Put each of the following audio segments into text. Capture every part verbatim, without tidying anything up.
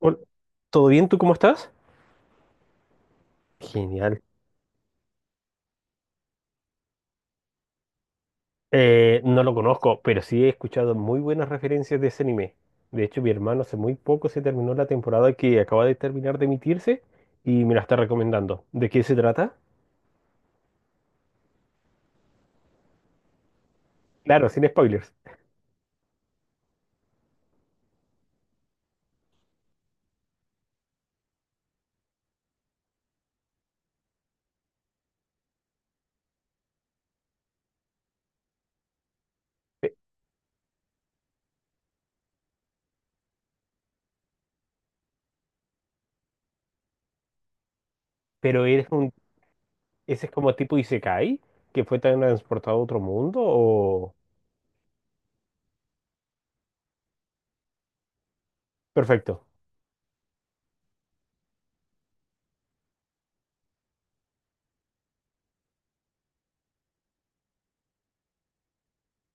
Hol- ¿Todo bien? ¿Tú cómo estás? Genial. Eh, no lo conozco, pero sí he escuchado muy buenas referencias de ese anime. De hecho, mi hermano hace muy poco se terminó la temporada que acaba de terminar de emitirse y me la está recomendando. ¿De qué se trata? Claro, sin spoilers. Pe- Pero eres un, Ese es como tipo Isekai, que fue transportado a otro mundo o... Perfecto.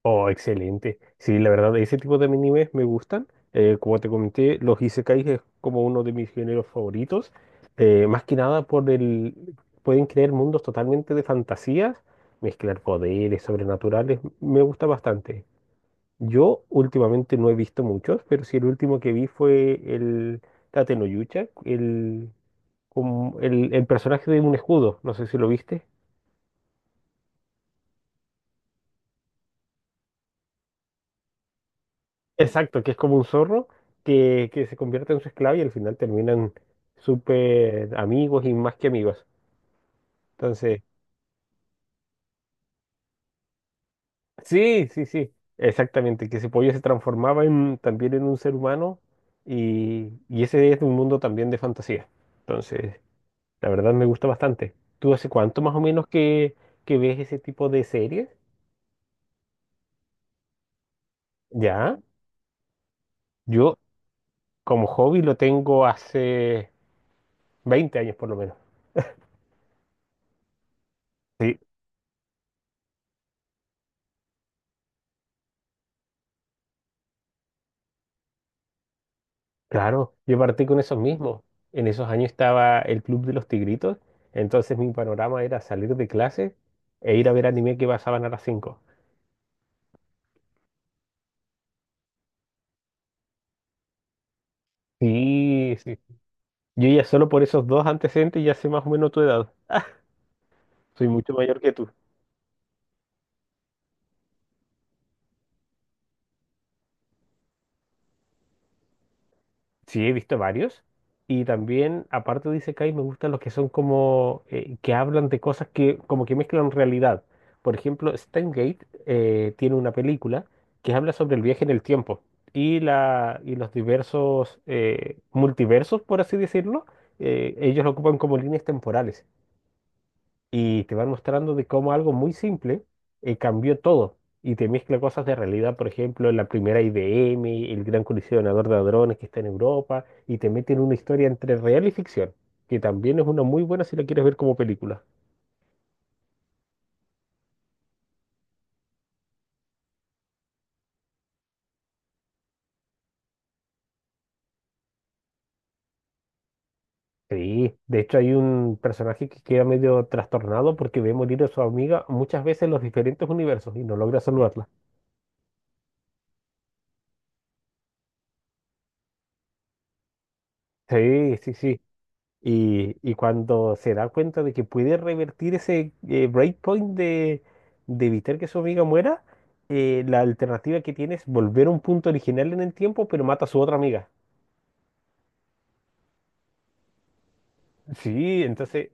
Oh, excelente. Sí, la verdad, ese tipo de animes me gustan. Eh, como te comenté, los isekais es como uno de mis géneros favoritos. Eh, más que nada por el... Pueden crear mundos totalmente de fantasías, mezclar poderes sobrenaturales. Me gusta bastante. Yo últimamente no he visto muchos, pero sí el último que vi fue el Tate no Yucha, el, como el, el personaje de un escudo. No sé si lo viste. Exacto, que es como un zorro que, que se convierte en su esclavo y al final terminan súper amigos y más que amigos. Entonces, sí, sí, sí, exactamente, que ese pollo se transformaba en, también en un ser humano y, y ese es un mundo también de fantasía. Entonces, la verdad me gusta bastante. ¿Tú hace cuánto más o menos que, que ves ese tipo de series? Ya, yo como hobby lo tengo hace veinte años por lo menos. Sí. Claro, yo partí con esos mismos. En esos años estaba el Club de los Tigritos, entonces mi panorama era salir de clase e ir a ver anime que pasaban a las cinco. Sí, sí. Yo ya solo por esos dos antecedentes ya sé más o menos tu edad. Soy mucho mayor que tú. Sí, he visto varios. Y también, aparte de Isekai, me gustan los que son como eh, que hablan de cosas que como que mezclan realidad. Por ejemplo, Steins Gate eh, tiene una película que habla sobre el viaje en el tiempo y, la, y los diversos eh, multiversos, por así decirlo. Eh, ellos lo ocupan como líneas temporales y te van mostrando de cómo algo muy simple eh, cambió todo y te mezcla cosas de realidad, por ejemplo, la primera I B M, el gran colisionador de hadrones que está en Europa, y te meten una historia entre real y ficción, que también es una muy buena si la quieres ver como película. Sí, de hecho hay un personaje que queda medio trastornado porque ve morir a su amiga muchas veces en los diferentes universos y no logra saludarla. Sí, sí, sí. Y, y cuando se da cuenta de que puede revertir ese eh, breakpoint de, de evitar que su amiga muera, eh, la alternativa que tiene es volver a un punto original en el tiempo, pero mata a su otra amiga. Sí, entonces,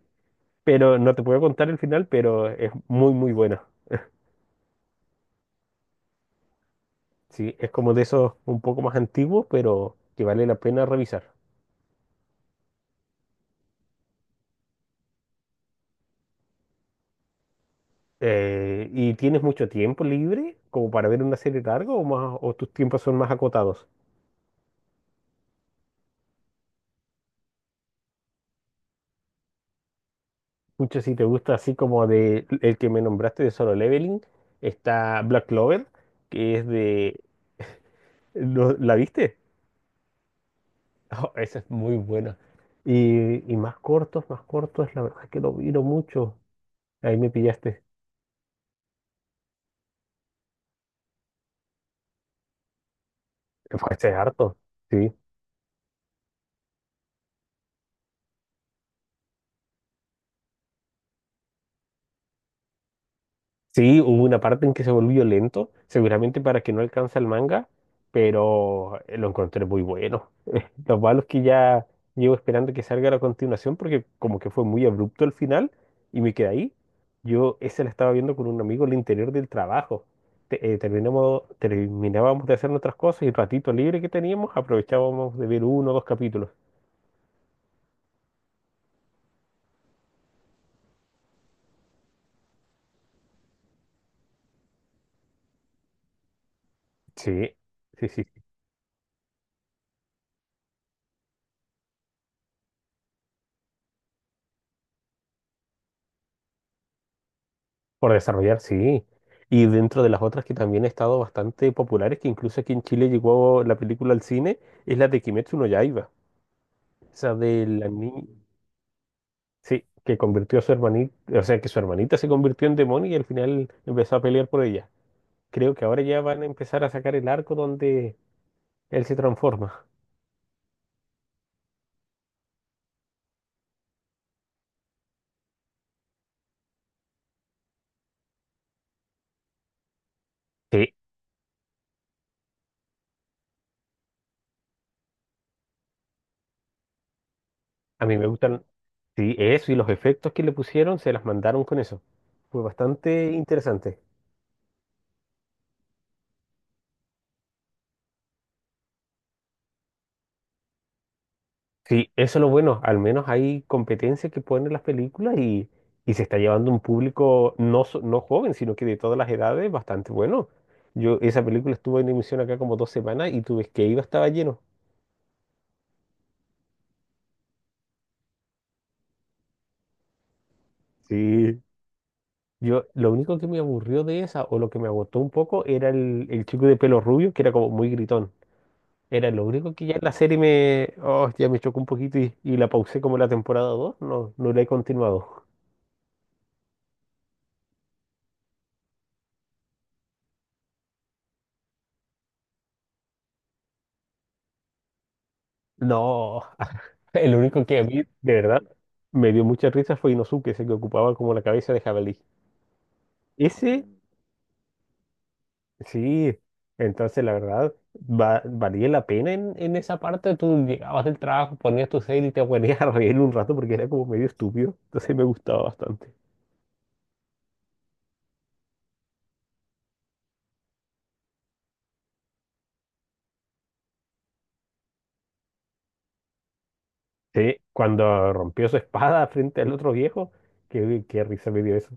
pero no te puedo contar el final, pero es muy, muy bueno. Sí, es como de esos un poco más antiguos, pero que vale la pena revisar. Eh, ¿y tienes mucho tiempo libre como para ver una serie larga o más, o tus tiempos son más acotados? Mucho si te gusta así como de el que me nombraste de Solo Leveling, está Black Clover, que es de... ¿lo- ¿La viste? Oh, esa es muy buena. Y, y más cortos, más cortos, la verdad que lo miro mucho. Ahí me pillaste. Fue ese es harto. Sí. Sí, hubo una parte en que se volvió lento, seguramente para que no alcanza el manga, pero lo encontré muy bueno. Lo malo es que ya llevo esperando que salga la continuación porque como que fue muy abrupto el final y me quedé ahí. Yo ese la estaba viendo con un amigo al interior del trabajo. Te- eh, terminamos, terminábamos de hacer nuestras cosas y el ratito libre que teníamos aprovechábamos de ver uno o dos capítulos. Sí, sí, sí. Sí. Por desarrollar, sí. Y dentro de las otras que también han estado bastante populares, que incluso aquí en Chile llegó la película al cine, es la de Kimetsu no Yaiba. Esa de la niña. Sí, que convirtió a su hermanita, o sea, que su hermanita se convirtió en demonio y al final empezó a pelear por ella. Creo que ahora ya van a empezar a sacar el arco donde él se transforma. Sí, a mí me gustan, sí, eso y los efectos que le pusieron se las mandaron con eso. Fue bastante interesante. Sí, eso es lo bueno, al menos hay competencia que ponen las películas y, y se está llevando un público no, so- no joven, sino que de todas las edades bastante bueno. Yo, esa película estuvo en emisión acá como dos semanas y tú ves que iba, estaba lleno. Sí. Yo, lo único que me aburrió de esa, o lo que me agotó un poco, era el, el chico de pelo rubio, que era como muy gritón. Era lo único que ya en la serie me, oh, ya me chocó un poquito y, y la pausé como la temporada dos no, no la he continuado. No, el único que a mí, de verdad, me dio mucha risa fue Inosuke, ese que ocupaba como la cabeza de jabalí. Ese, sí, entonces la verdad, va- valía la pena en, en esa parte. Tú llegabas del trabajo, ponías tu serie y te ponías a reír un rato porque era como medio estúpido, entonces me gustaba bastante. Sí, cuando rompió su espada frente al otro viejo, qué, qué risa me dio eso.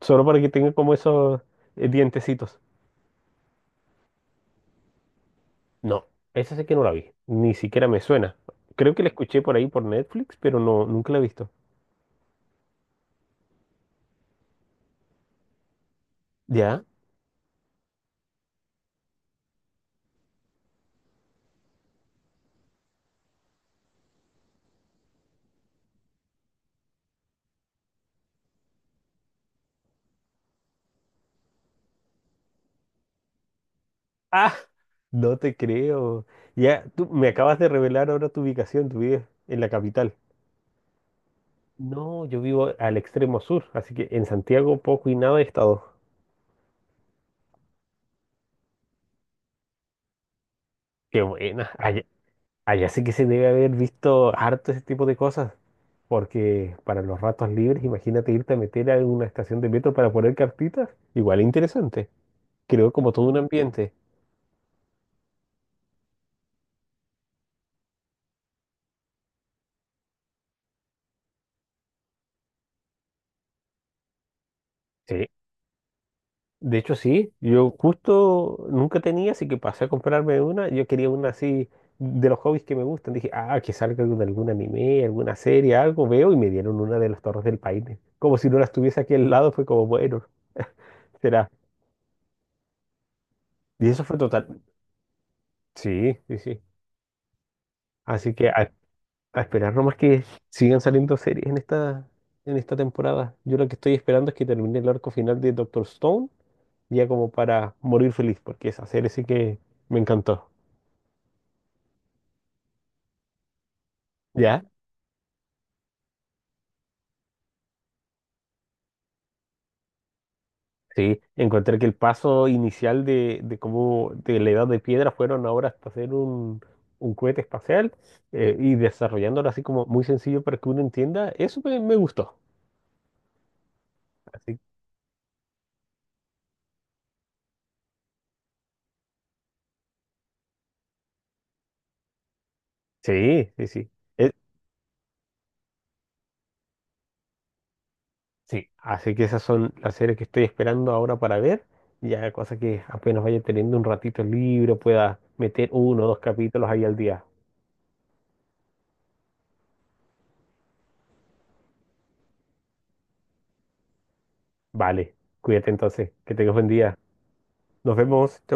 Solo para que tenga como esos eh, dientecitos. No, esa sé que no la vi, ni siquiera me suena. Creo que la escuché por ahí por Netflix, pero no, nunca la he visto. ¿Ya? Ah, no te creo. Ya, tú me acabas de revelar ahora tu ubicación, tu vives en la capital. No, yo vivo al extremo sur, así que en Santiago poco y nada he estado. Qué buena. Allá, allá sí que se debe haber visto harto ese tipo de cosas. Porque para los ratos libres, imagínate irte a meter a una estación de metro para poner cartitas. Igual interesante. Creo como todo un ambiente. Sí. De hecho, sí. Yo justo nunca tenía, así que pasé a comprarme una. Yo quería una así de los hobbies que me gustan. Dije, ah, que salga de algún anime, alguna serie, algo. Veo y me dieron una de las Torres del Paine. Como si no las estuviese aquí al lado. Fue como, bueno, será. Y eso fue total. Sí, sí, sí. Así que a A esperar nomás que sigan saliendo series en esta, en esta temporada. Yo lo que estoy esperando es que termine el arco final de Doctor Stone, ya como para morir feliz, porque esa serie sí que me encantó. ¿Ya? Sí, encontré que el paso inicial de, de cómo de la edad de piedra fueron ahora hasta hacer un, un cohete espacial eh, y desarrollándolo así como muy sencillo para que uno entienda, eso me, me gustó. Así- sí, sí, sí. E- Sí, así que esas son las series que estoy esperando ahora para ver. Ya cosa que apenas vaya teniendo un ratito libre, pueda meter uno o dos capítulos ahí al día. Vale, cuídate entonces, que tengas buen día. Nos vemos. Chao.